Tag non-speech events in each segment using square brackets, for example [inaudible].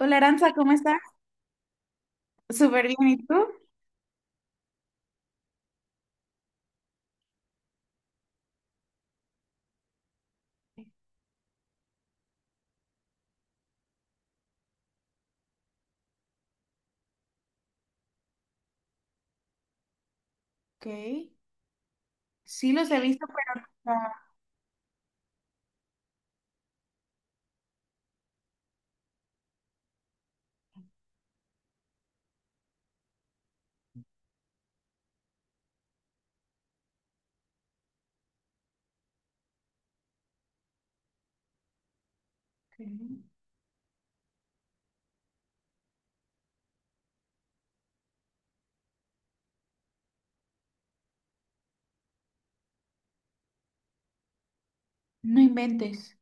Hola Aranza, ¿cómo estás? Súper bien, ¿y tú? Ok, sí los he visto, pero ah, ok. No inventes.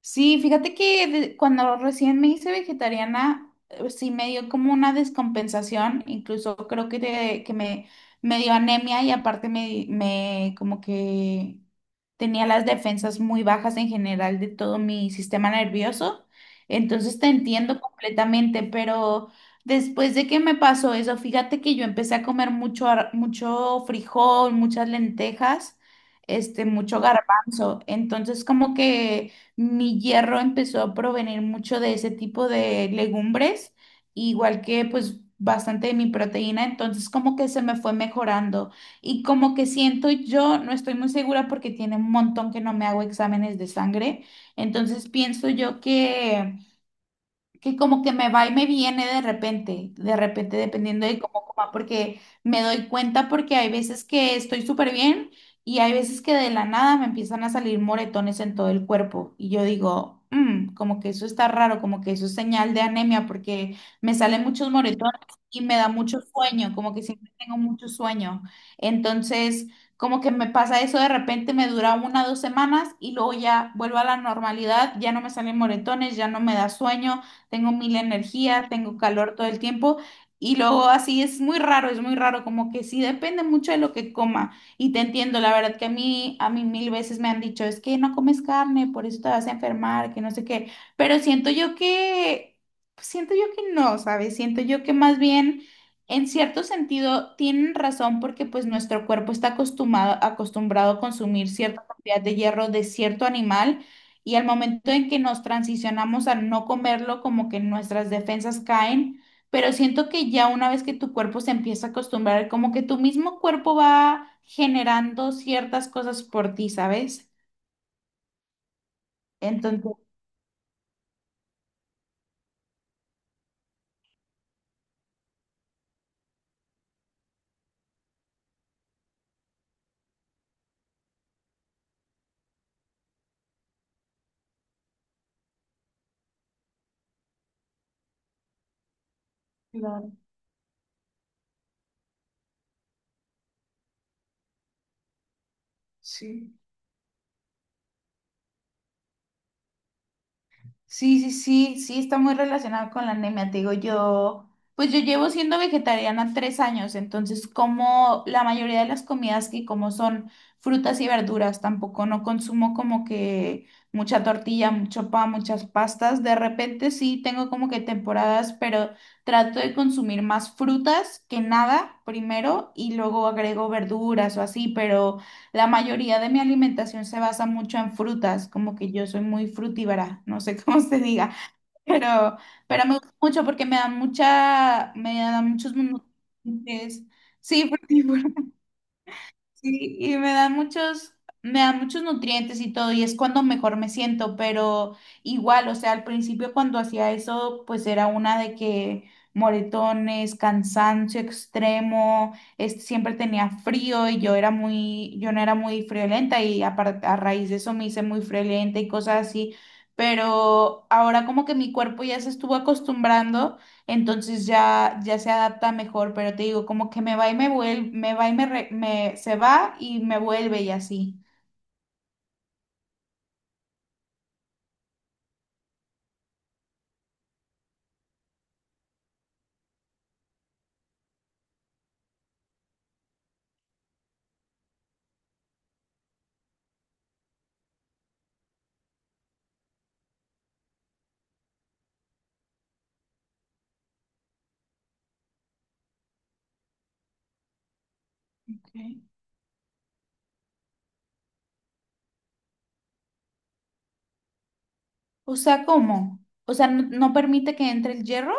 Sí, fíjate que cuando recién me hice vegetariana, sí me dio como una descompensación, incluso creo que, te que me dio anemia y aparte me como que tenía las defensas muy bajas en general de todo mi sistema nervioso. Entonces te entiendo completamente, pero después de que me pasó eso, fíjate que yo empecé a comer mucho, mucho frijol, muchas lentejas, este, mucho garbanzo. Entonces como que mi hierro empezó a provenir mucho de ese tipo de legumbres, igual que pues bastante de mi proteína, entonces como que se me fue mejorando y como que siento yo, no estoy muy segura porque tiene un montón que no me hago exámenes de sangre, entonces pienso yo que como que me va y me viene de repente dependiendo de cómo coma, porque me doy cuenta porque hay veces que estoy súper bien y hay veces que de la nada me empiezan a salir moretones en todo el cuerpo y yo digo, "Mm, como que eso está raro, como que eso es señal de anemia porque me salen muchos moretones y me da mucho sueño, como que siempre tengo mucho sueño. Entonces, como que me pasa eso de repente, me dura una o dos semanas y luego ya vuelvo a la normalidad, ya no me salen moretones, ya no me da sueño, tengo mil energía, tengo calor todo el tiempo y luego así es muy raro, como que sí depende mucho de lo que coma y te entiendo, la verdad que a mí mil veces me han dicho, es que no comes carne, por eso te vas a enfermar, que no sé qué, pero siento yo que no, ¿sabes? Siento yo que más bien... En cierto sentido, tienen razón porque pues nuestro cuerpo está acostumbrado, acostumbrado a consumir cierta cantidad de hierro de cierto animal y al momento en que nos transicionamos a no comerlo, como que nuestras defensas caen, pero siento que ya una vez que tu cuerpo se empieza a acostumbrar, como que tu mismo cuerpo va generando ciertas cosas por ti, ¿sabes? Entonces, claro, sí. Sí, sí, sí, sí, está muy relacionado con la anemia. Te digo, yo, pues yo llevo siendo vegetariana tres años, entonces como la mayoría de las comidas que como son frutas y verduras, tampoco no consumo como que mucha tortilla, mucho pan, muchas pastas. De repente sí tengo como que temporadas, pero trato de consumir más frutas que nada primero y luego agrego verduras o así, pero... La mayoría de mi alimentación se basa mucho en frutas, como que yo soy muy frutíbara, no sé [laughs] cómo se diga, pero, pero me gusta mucho porque me da mucha, me da muchos [laughs] nutrientes. Sí, frutívora. Sí, y me dan muchos nutrientes y todo, y es cuando mejor me siento, pero igual, o sea, al principio cuando hacía eso, pues era una de que moretones, cansancio extremo, siempre tenía frío y yo era muy, yo no era muy friolenta y a raíz de eso me hice muy friolenta y cosas así, pero ahora como que mi cuerpo ya se estuvo acostumbrando entonces ya, ya se adapta mejor, pero te digo, como que me va y me vuelve, me va y me, se va y me vuelve y así. Ok. O sea, ¿cómo? O sea, no, no permite que entre el hierro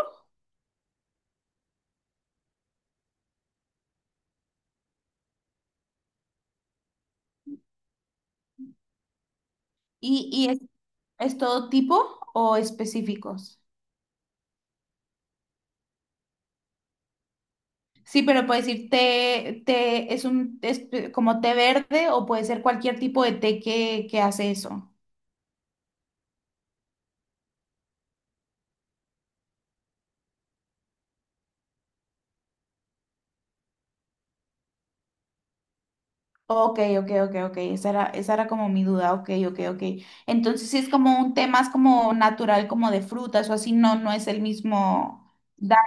y es todo tipo o específicos. Sí, pero puede decir té, té es un es como té verde o puede ser cualquier tipo de té que hace eso. Ok, ok, ok, ok. Esa era como mi duda. Ok, ok, ok. Entonces sí es como un tema, es como natural, como de frutas o así, no, no es el mismo daño.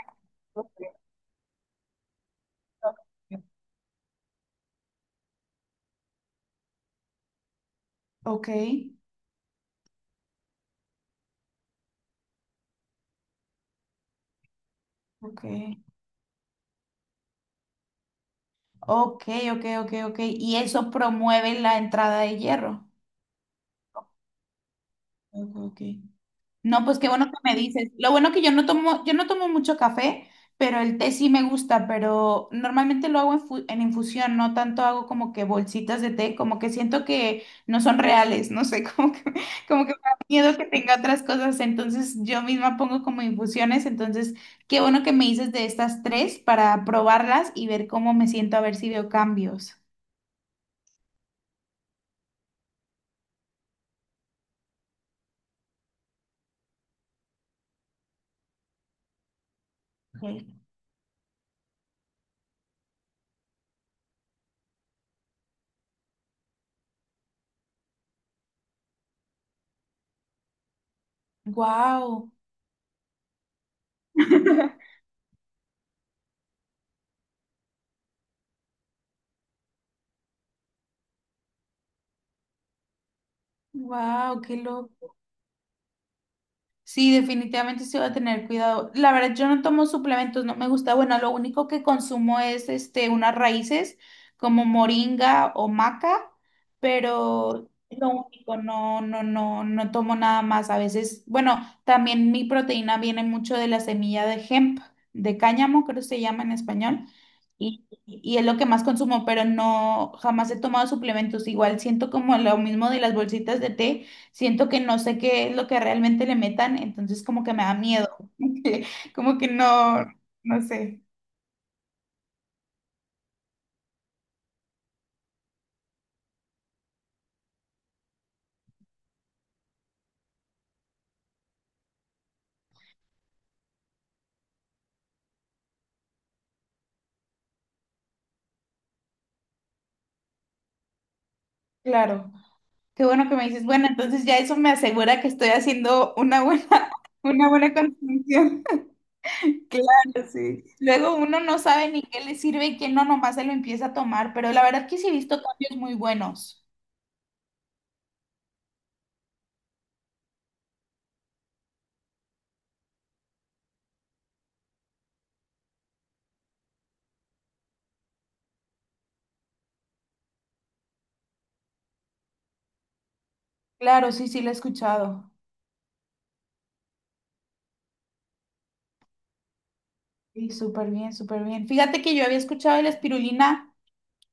Ok, ok. Ok, ok, ok, ok. Y eso promueve la entrada de hierro. Ok, ok. No, pues qué bueno que me dices. Lo bueno que yo no tomo mucho café, pero el té sí me gusta, pero normalmente lo hago en, en infusión, no tanto hago como que bolsitas de té, como que siento que no son reales, no sé, [laughs] como que me da miedo que tenga otras cosas, entonces yo misma pongo como infusiones, entonces qué bueno que me dices de estas tres para probarlas y ver cómo me siento, a ver si veo cambios. Wow, wow, qué loco. Sí, definitivamente se va a tener cuidado. La verdad, yo no tomo suplementos, no me gusta. Bueno, lo único que consumo es este, unas raíces como moringa o maca, pero es lo único, no, no, no, no tomo nada más. A veces, bueno, también mi proteína viene mucho de la semilla de hemp, de cáñamo, creo que se llama en español, y es lo que más consumo, pero no, jamás he tomado suplementos. Igual siento como lo mismo de las bolsitas de té. Siento que no sé qué es lo que realmente le metan, entonces como que me da miedo, [laughs] como que no, no sé, claro. Qué bueno que me dices, bueno, entonces ya eso me asegura que estoy haciendo una buena, [laughs] una buena contribución. [laughs] Claro, sí. Luego uno no sabe ni qué le sirve y qué no, nomás se lo empieza a tomar, pero la verdad que sí he visto cambios muy buenos. Claro, sí, sí, lo he escuchado. Sí, súper bien, súper bien. Fíjate que yo había escuchado de la espirulina.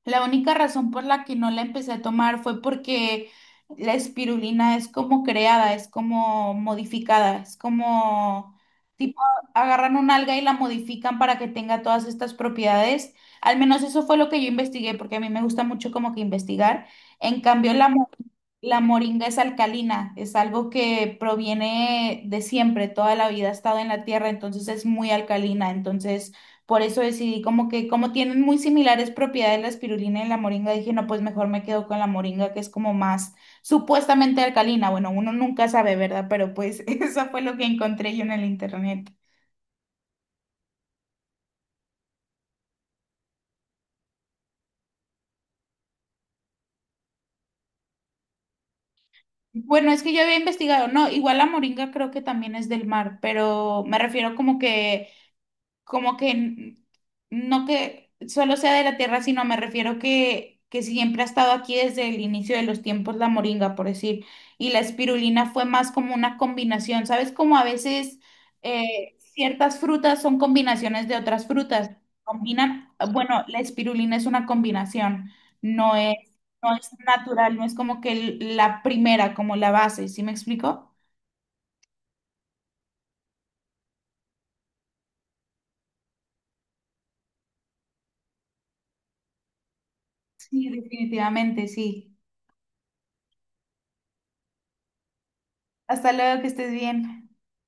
La única razón por la que no la empecé a tomar fue porque la espirulina es como creada, es como modificada, es como tipo agarran un alga y la modifican para que tenga todas estas propiedades. Al menos eso fue lo que yo investigué, porque a mí me gusta mucho como que investigar. En cambio, la moringa es alcalina, es algo que proviene de siempre, toda la vida ha estado en la tierra, entonces es muy alcalina, entonces por eso decidí como que, como tienen muy similares propiedades la espirulina y la moringa, dije, no, pues mejor me quedo con la moringa, que es como más supuestamente alcalina. Bueno, uno nunca sabe, ¿verdad? Pero pues [laughs] eso fue lo que encontré yo en el internet. Bueno, es que yo había investigado, no, igual la moringa creo que también es del mar, pero me refiero como que como que n- no que solo sea de la tierra, sino me refiero que siempre ha estado aquí desde el inicio de los tiempos la moringa, por decir, y la espirulina fue más como una combinación, ¿sabes? Como a veces ciertas frutas son combinaciones de otras frutas, combinan, bueno, la espirulina es una combinación, no es, no es natural, no es como que la primera, como la base, ¿sí me explico? Sí, definitivamente, sí. Hasta luego, que estés bien.